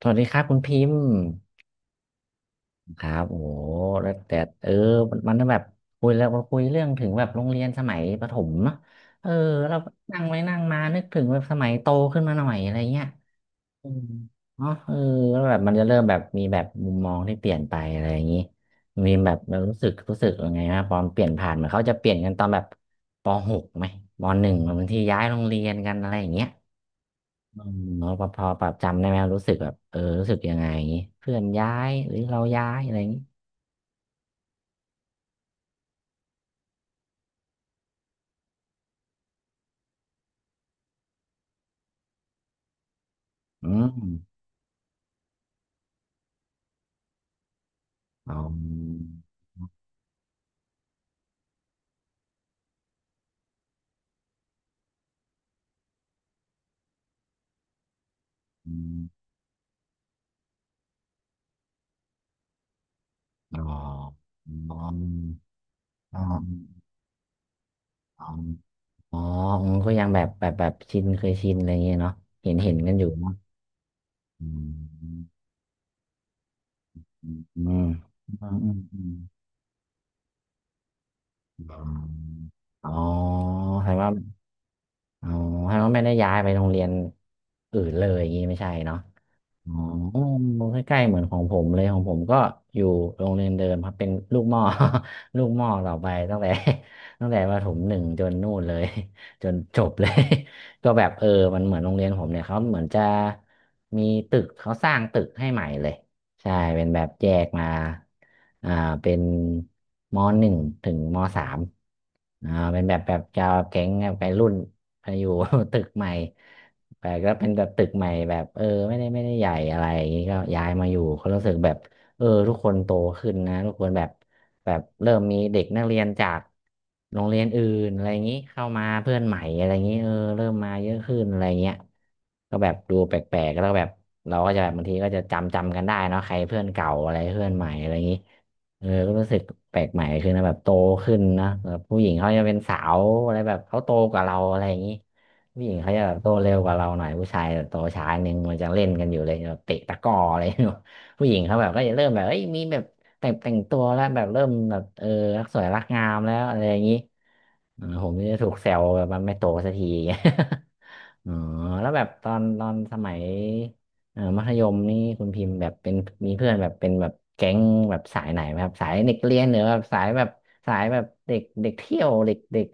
สวัสดีครับคุณพิมพ์ครับโอ้โหแล้วแต่เออมันแบบคุยแล้วมาคุยเรื่องถึงแบบโรงเรียนสมัยประถมเนาะเออเรานั่งไว้นั่งมานึกถึงแบบสมัยโตขึ้นมาหน่อยอะไรเงี้ยอืมเนาะเออแล้วแบบมันจะเริ่มแบบมีแบบมุมมองที่เปลี่ยนไปอะไรอย่างนี้มีแบบรู้สึกยังไงนะตอนเปลี่ยนผ่านเหมือนเขาจะเปลี่ยนกันตอนแบบปหกไหมปหนึ่งบางทีย้ายโรงเรียนกันอะไรอย่างเงี้ย อืมแ้พอพอปรับจำได้ไหมรู้สึกแบบเออรู้สึกยังไงเพื่อนย้ายหรือเราย้ายอะไรอย่างนี้อืมอ๋ออืมอ๋ออ๋ออ๋ออ๋ออ๋ออืมก็ยังแบบชินเคยชินอะไรอย่างเงี้ยเนาะเห็นกันอยู่เนาะอืมอืมอืมอืมอืมอมอ๋อแสดงว่าอ๋อแสดงว่าไม่ได้ย้ายไปโรงเรียนอื่นเลยอย่างนี้ไม่ใช่เนาะ อ๋อใกล้ๆเหมือนของผมเลยของผมก็อยู่โรงเรียนเดิมครับเป็นลูกหม้อ ลูกหม้อต่อไปตั้งแต่ ตั้งแต่ประถมหนึ่งจนนู่นเลยจนจบเลย ก็แบบเออมันเหมือนโรงเรียนผมเนี่ยเขาเหมือนจะมีตึกเขาสร้างตึกให้ใหม่เลยใช่เป็นแบบแยกมาอ่าเป็นมหนึ่งถึงมสามอ่าเป็นแบบจะแก๊งแบบไปรุ่นไปอยู่ ตึกใหม่ แต่ก็เป็นแบบตึกใหม่แบบเออไม่ได้ใหญ่อะไรอย่างนี้ก็ย้ายมาอยู่เขารู้สึกแบบเออทุกคนโตขึ้นนะทุกคนแบบแบบเริ่มมีเด็กนักเรียนจากโรงเรียนอื่นอะไรอย่างนี้เข้ามาเพื่อนใหม่อะไรอย่างนี้เออเริ่มมาเยอะขึ้นอะไรเงี้ยก็แบบดูแปลกๆแล้วก็แบบเราก็จะแบบบางทีก็จะจำกันได้เนาะใครเพื่อนเก่าอะไรเพื่อนใหม่อะไรอย่างนี้เออก็รู้สึกแปลกใหม่ขึ้นนะแบบโตขึ้นนะแบบผู้หญิงเขาจะเป็นสาวอะไรแบบเขาโตกว่าเราอะไรอย่างนี้ ผู้หญิงเขาจะแบบโตเร็วกว่าเราหน่อยผู้ชายแบบโตช้าหนึ่งมันจะเล่นกันอยู่เลยแบบเตะตะกร้ออะไร ผู้หญิงเขาแบบก็จะเริ่มแบบเอ้ยมีแบบแต่งตัวแล้วแบบเริ่มแบบเออรักสวยรักงามแล้วอะไรอย่างนี้เออผมจะถูกแซวแบบมันไม่โตสักที อ๋อแล้วแบบตอนสมัยเออมัธยมนี่คุณพิมพ์แบบเป็นมีเพื่อนแบบเป็นแบบแก๊งแบบสายไหนไหมครับสายเด็กเรียนหรือแบบสายแบบสายแบบเด็กเด็กเที่ยวเด็กเด็ก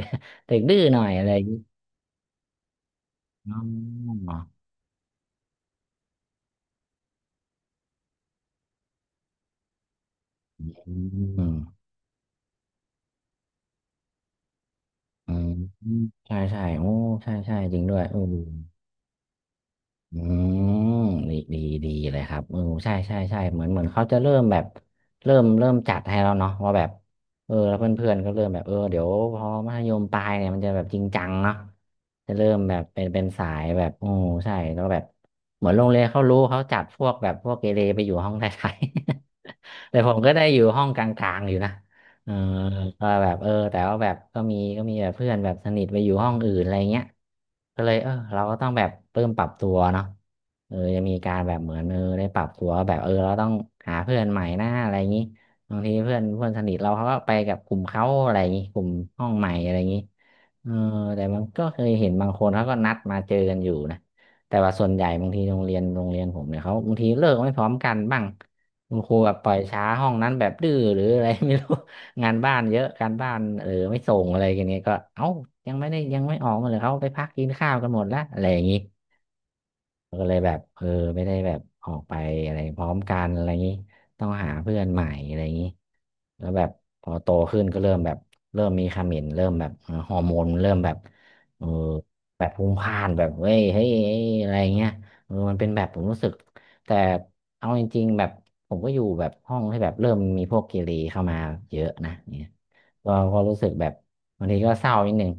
เด็กดื้อหน่อยอะไรอย่างนี้อ๋อ อืมอืมใช่ใช่โอ้ใช่ใช่จริงด้วยอืมอืมดีดีดีเลยครับเออใช่ใช่ใช่เหมือนเหมือนเขาจะเริ่มแบบเริ่มจัดให้แล้วเนาะว่าแบบเออแล้วเพื่อนๆก็เริ่มแบบเออเดี๋ยวพอมัธยมปลายเนี่ยมันจะแบบจริงจังเนาะจะเริ่มแบบเป็นสายแบบโอ้ใช่แล้วแบบเหมือนโรงเรียนเขารู้เขาจัดพวกแบบพวกเกเรไปอยู่ห้องท้ายๆ แต่ผมก็ได้อยู่ห้องกลางๆอยู่นะ เออก็แบบเออแต่ว่าแบบก็มีแบบเพื่อนแบบสนิทไปอยู่ห้องอื่นอะไรเงี้ยก็เลยเออเราก็ต้องแบบเริ่มปรับตัวเนาะเออจะมีการแบบเหมือนเออได้ปรับตัวว่าแบบเออเราต้องหาเพื่อนใหม่หน้าอะไรอย่างงี้บางทีเพื่อนเพื่อนสนิทเราเขาก็ไปกับกลุ่มเขาอะไรอย่างงี้กลุ่มห้องใหม่อะไรอย่างงี้เออแต่มันก็เคยเห็นบางคนเขาก็นัดมาเจอกันอยู่นะแต่ว่าส่วนใหญ่บางทีโรงเรียนผมเนี่ยเขาบางทีเลิกไม่พร้อมกันบ้างคุณครูแบบปล่อยช้าห้องนั้นแบบดื้อหรืออะไร ไม่รู้ งานบ้านเยอะการบ้านเออไม่ส่งอะไรกันเนี้ยก็เอ้ายังไม่ได้ยังไม่ออกมาเลยเขาไปพักกินข้าวกันหมดละอะไรอย่างงี้ ก็เลยแบบเออไม่ได้แบบออกไปอะไรพร้อมกันอะไรอย่างนี้ต้องหาเพื่อนใหม่อะไรอย่างนี้แล้วแบบพอโตขึ้นก็เริ่มแบบเริ่มมีเขม็นเริ่มแบบฮอร์โมนเริ่มแบบเออแบบพลุ่งพล่านแบบเว้ยเฮ้ยเอ้ยอะไรเงี้ยเออมันเป็นแบบผมรู้สึกแต่เอาจริงๆแบบผมก็อยู่แบบห้องที่แบบเริ่มมีพวกเกเรเข้ามาเยอะนะเนี่ยก็รู้สึกแบบบางทีก็เศร้านิดนึง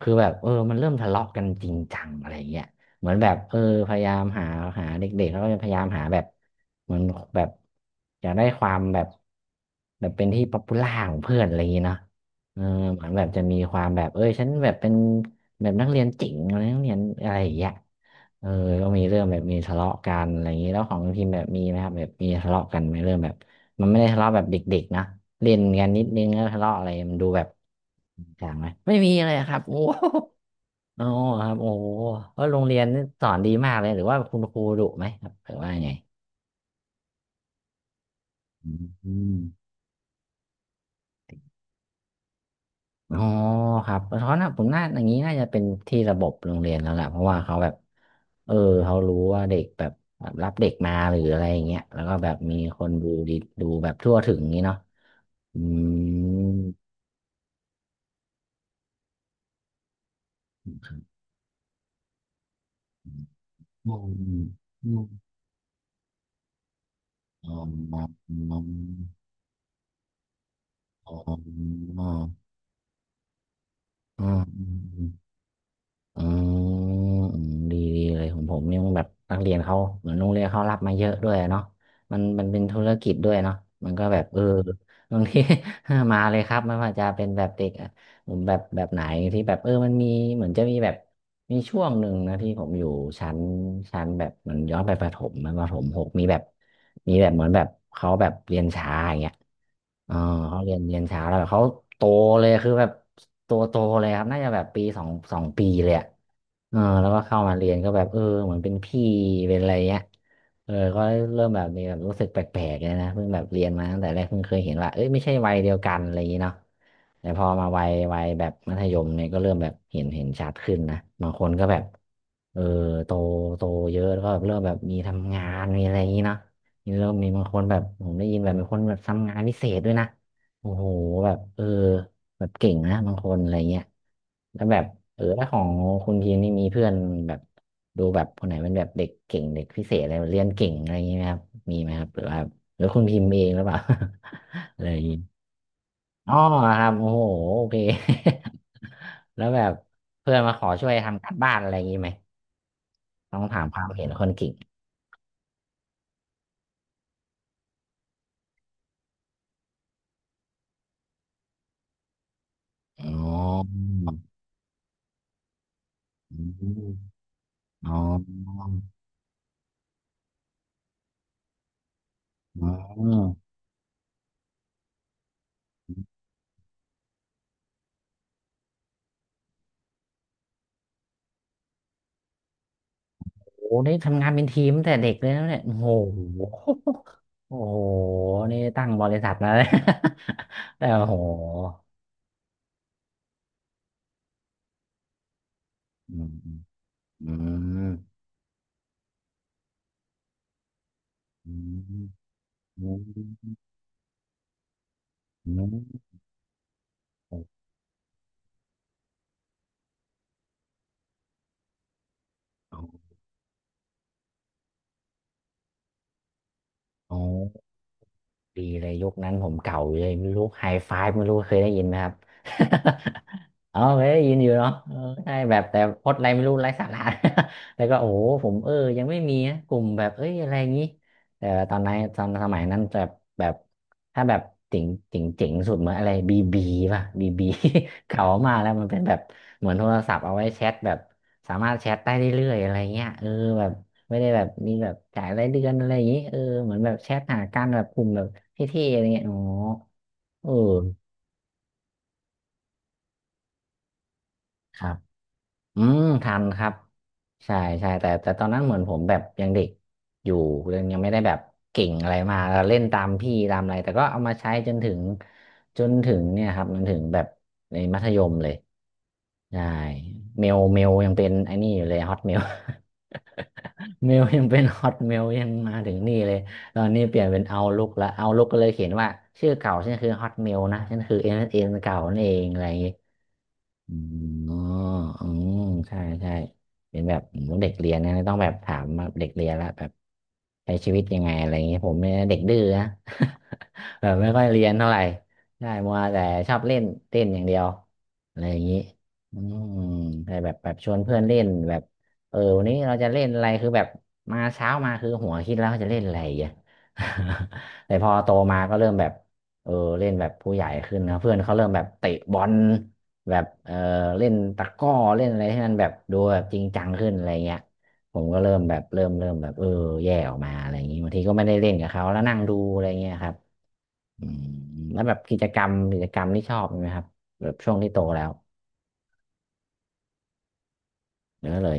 คือแบบเออมันเริ่มทะเลาะกันจริงจังอะไรเงี้ย เหมือนแบบเออพยายามหาเด็กๆเขาก็จะพยายามหาแบบเหมือนแบบอยากได้ความแบบแบบเป็นที่ป๊อปปูล่าของเพื่อนอะไรอย่างเงี้เนาะเออเหมือนแบบจะมีความแบบเอ้ยฉันแบบเป็นแบบนักเรียนเจ๋งอะไรนักเรียนอะไรอย่างเงี้ยเออก็มีเรื่องแบบมีทะเลาะกันอะไรอย่างงี้แล้วของทีมแบบมีไหมครับแบบมีทะเลาะกันไหมเรื่องแบบมันไม่ได้ทะเลาะแบบเด็กๆนะเล่นกันนิดนึงแล้วทะเลาะอะไรมันดูแบบจริงจังไหมไม่มีเลยครับโอ้โห อ๋อครับโอ้ก็โรงเรียนนี่สอนดีมากเลยหรือว่าคุณครูดุไหมครับหรือว่าไงอืมอ๋อครับเพราะนะผมน่าอย่างนี้น่าจะเป็นที่ระบบโรงเรียนแล้วแหละเพราะว่าเขาแบบเออเขารู้ว่าเด็กแบบรับเด็กมาหรืออะไรอย่างเงี้ยแล้วก็แบบมีคนดูดีดูแบบทั่วถึงนี้เนาะอืมอืมอืมอ๋ออ๋ออ๋ออ๋ออ๋อ อ๋ออืมดีดีเลยของผมเนี่ยมันแบบนักเรียนเขาเหมือนโรงเรียนเขารับมาเยอะด้วยเนาะมันมันเป็นธุรกิจด้วยเนาะมันก็แบบเออ บางที มาเลยครับไม่ว่าจะเป็นแบบเด็กอะผมแบบแบบไหนที่แบบเออมันมีเหมือนจะมีแบบมีช่วงหนึ่งนะที่ผมอยู่ชั้นชั้นแบบเหมือนย้อนไปประถมมันประถมหกมีแบบ มีแบบเหมือนแบบเขาแบบเรียนช้าอย่างเงี้ยเออเขาเรียนช้าแล้วแบบเขาโตเลยคือแบบตัวโตเลยครับน่าจะแบบปีสองปีเลยอะเออแล้วก็เข้ามาเรียนก็แบบเออเหมือนเป็นพี่เป็นอะไรเงี้ยเออก็เริ่มแบบมีแบบรู้สึกแปลกๆเลยนะเพิ่งแบบเรียนมาตั้งแต่แรกเพิ่งเคยเห็นว่าเอ้ยไม่ใช่วัยเดียวกันอะไรอย่างงี้เนาะแต่พอมาวัยแบบมัธยมเนี่ยก็เริ่มแบบเห็นชัดขึ้นนะบางคนก็แบบเออโตโตเยอะแล้วก็แบบเริ่มแบบมีทำงานมีอะไรอย่างงี้เนาะ นี่เริ่มมีบางคนแบบผมได้ยินแบบมีคนแบบทำงานพิเศษด้วยนะโอ้โหแบบเออแบบเก่งนะบางคนอะไรเงี้ยแล้วแบบเออแล้วของคุณพีนี่มีเพื่อนแบบดูแบบคนไหนเป็นแบบเด็กเก่งเด็กพิเศษอะไรเรียนเก่งอะไรอย่างงี้ไหมครับมีไหมครับหรือว่าหรือคุณพิมพ์เองหรือเปล่า อะไรอย่างงี้อ๋อครับโอ้โหโอเค แล้วแบบเพื่อนมาขอช่วยทำการบ้านอะไรอย่างงี้ไหมต้องถามความเห็นคนเก่งอ๋ออ๋อ อ๋อโอ้โหนี่ทำงานเป็นทีมตั้งแต่เด็กเลยนะเนี่ยโอ้โหโอ้โหนี่ตั้งบริษัทมาเลย แต่โอ้โหอืมอืมอืมอืมอืมโอ้โหดีเลยยุคนั้นผมเก่าอยู่เลยไม่รู้ไฮไฟว์ไม่รู้เคยได้ยินไหมครับ เออไม่ได้ยินอยู่เนาะเออใช่แบบแต่พดอะไรไม่รู้ไร้สาระ แล้วก็โอ้โหผมเออยังไม่มีนะกลุ่มแบบเอ้ยอะไรอย่างงี้แต่ตอนนั้นตอนสมัยนั้นแบบแบบถ้าแบบเจ๋งเจ๋งเจ๋งสุดเหมือนอะไรบีบีป่ะบีบี เก่ามากแล้วมันเป็นแบบเหมือนโทรศัพท์เอาไว้แชทแบบสามารถแชทได้เรื่อยๆอะไรเงี้ยเออแบบไม่ได้แบบมีแบบจ่ายรายเดือนอะไรอย่างงี้เออเหมือนแบบแชทหากันแบบกลุ่มแบบเท่ๆอะไรเงี้ยอ๋อเออครับ อืมทันครับใช่ใช่แต่แต่ตอนนั้นเหมือนผมแบบยังเด็กอยู่เลยังยังไม่ได้แบบเก่งอะไรมากเล่นตามพี่ตามอะไรแต่ก็เอามาใช้จนถึงเนี่ยครับจนถึงแบบในมัธยมเลยใช่เมลยังเป็นไอ้นี่อยู่เลยฮอต เมลยังเป็นฮอตเมลยังมาถึงนี่เลยตอนนี้เปลี่ยนเป็นเอาลุกละเอาลุกก็เลยเขียนว่าชื่อเก่าฉันคือฮอตเมลนะฉันคือเอ็นเอ็นเก่านั่นเองอะไรอย่างงี้ อ๋ออืม ใช่ใช่เป็นแบบผมเด็กเรียนนะต้องแบบถามเด็กเรียนละแบบใช้ชีวิตยังไงอะไรอย่างเงี้ยผมเนี่ยเด็กดื้อนะ แบบไม่ค่อยเรียนเท่าไหร่ใช่มัวแต่ชอบเล่นเต้นอย่างเดียวอะไรอย่างงี้อืมใช่แบบแบบชวนเพื่อนเล่นแบบเออวันนี้เราจะเล่นอะไรคือแบบมาเช้ามาคือหัวคิดแล้วว่าจะเล่นอะไรอย่างเงี้ย แต่พอโตมาก็เริ่มแบบเออเล่นแบบผู้ใหญ่ขึ้นนะเพื่อนเขาเริ่มแบบเตะบอล แบบเออเล่นตะกร้อเล่นอะไรให้มันแบบดูแบบจริงจังขึ้นอะไรเงี้ยผมก็เริ่มแบบเริ่มแบบเออแย่ออกมาอะไรอย่างงี้บางทีก็ไม่ได้เล่นกับเขาแล้วนั่งดูอะไรเงี้ยครับอืมแล้วแบบกิจกรรมที่ชอบมีไหมครับแบบช่วงที่โตแล้วเยอะเลย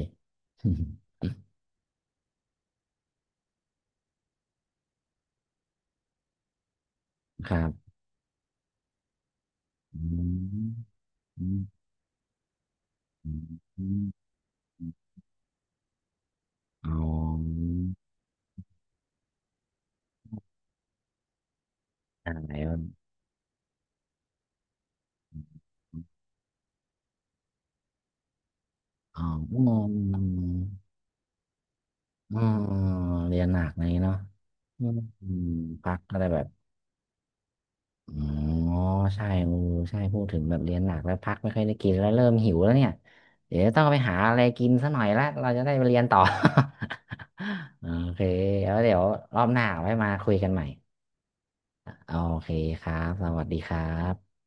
ครับอืมอืมอืมอืมอ๋ออะไรวะอ๋ออืมอืมเรียนหนักอะไรอย่างงี้เนาะอืมพักก็ได้แบบ อ๋อใช่โอ้ใช่พูดถึงแบบเรียนหนักแล้วพักไม่ค่อยได้กินแล้วเริ่มหิวแล้วเนี่ยเดี๋ยวต้องไปหาอะไรกินสักหน่อยละเราจะได้ไปเรียนต่อ โอเคแล้วเดี๋ยวรอบหน้าไว้มาคุยกันใหม่โอเคครับสวัสดีครับ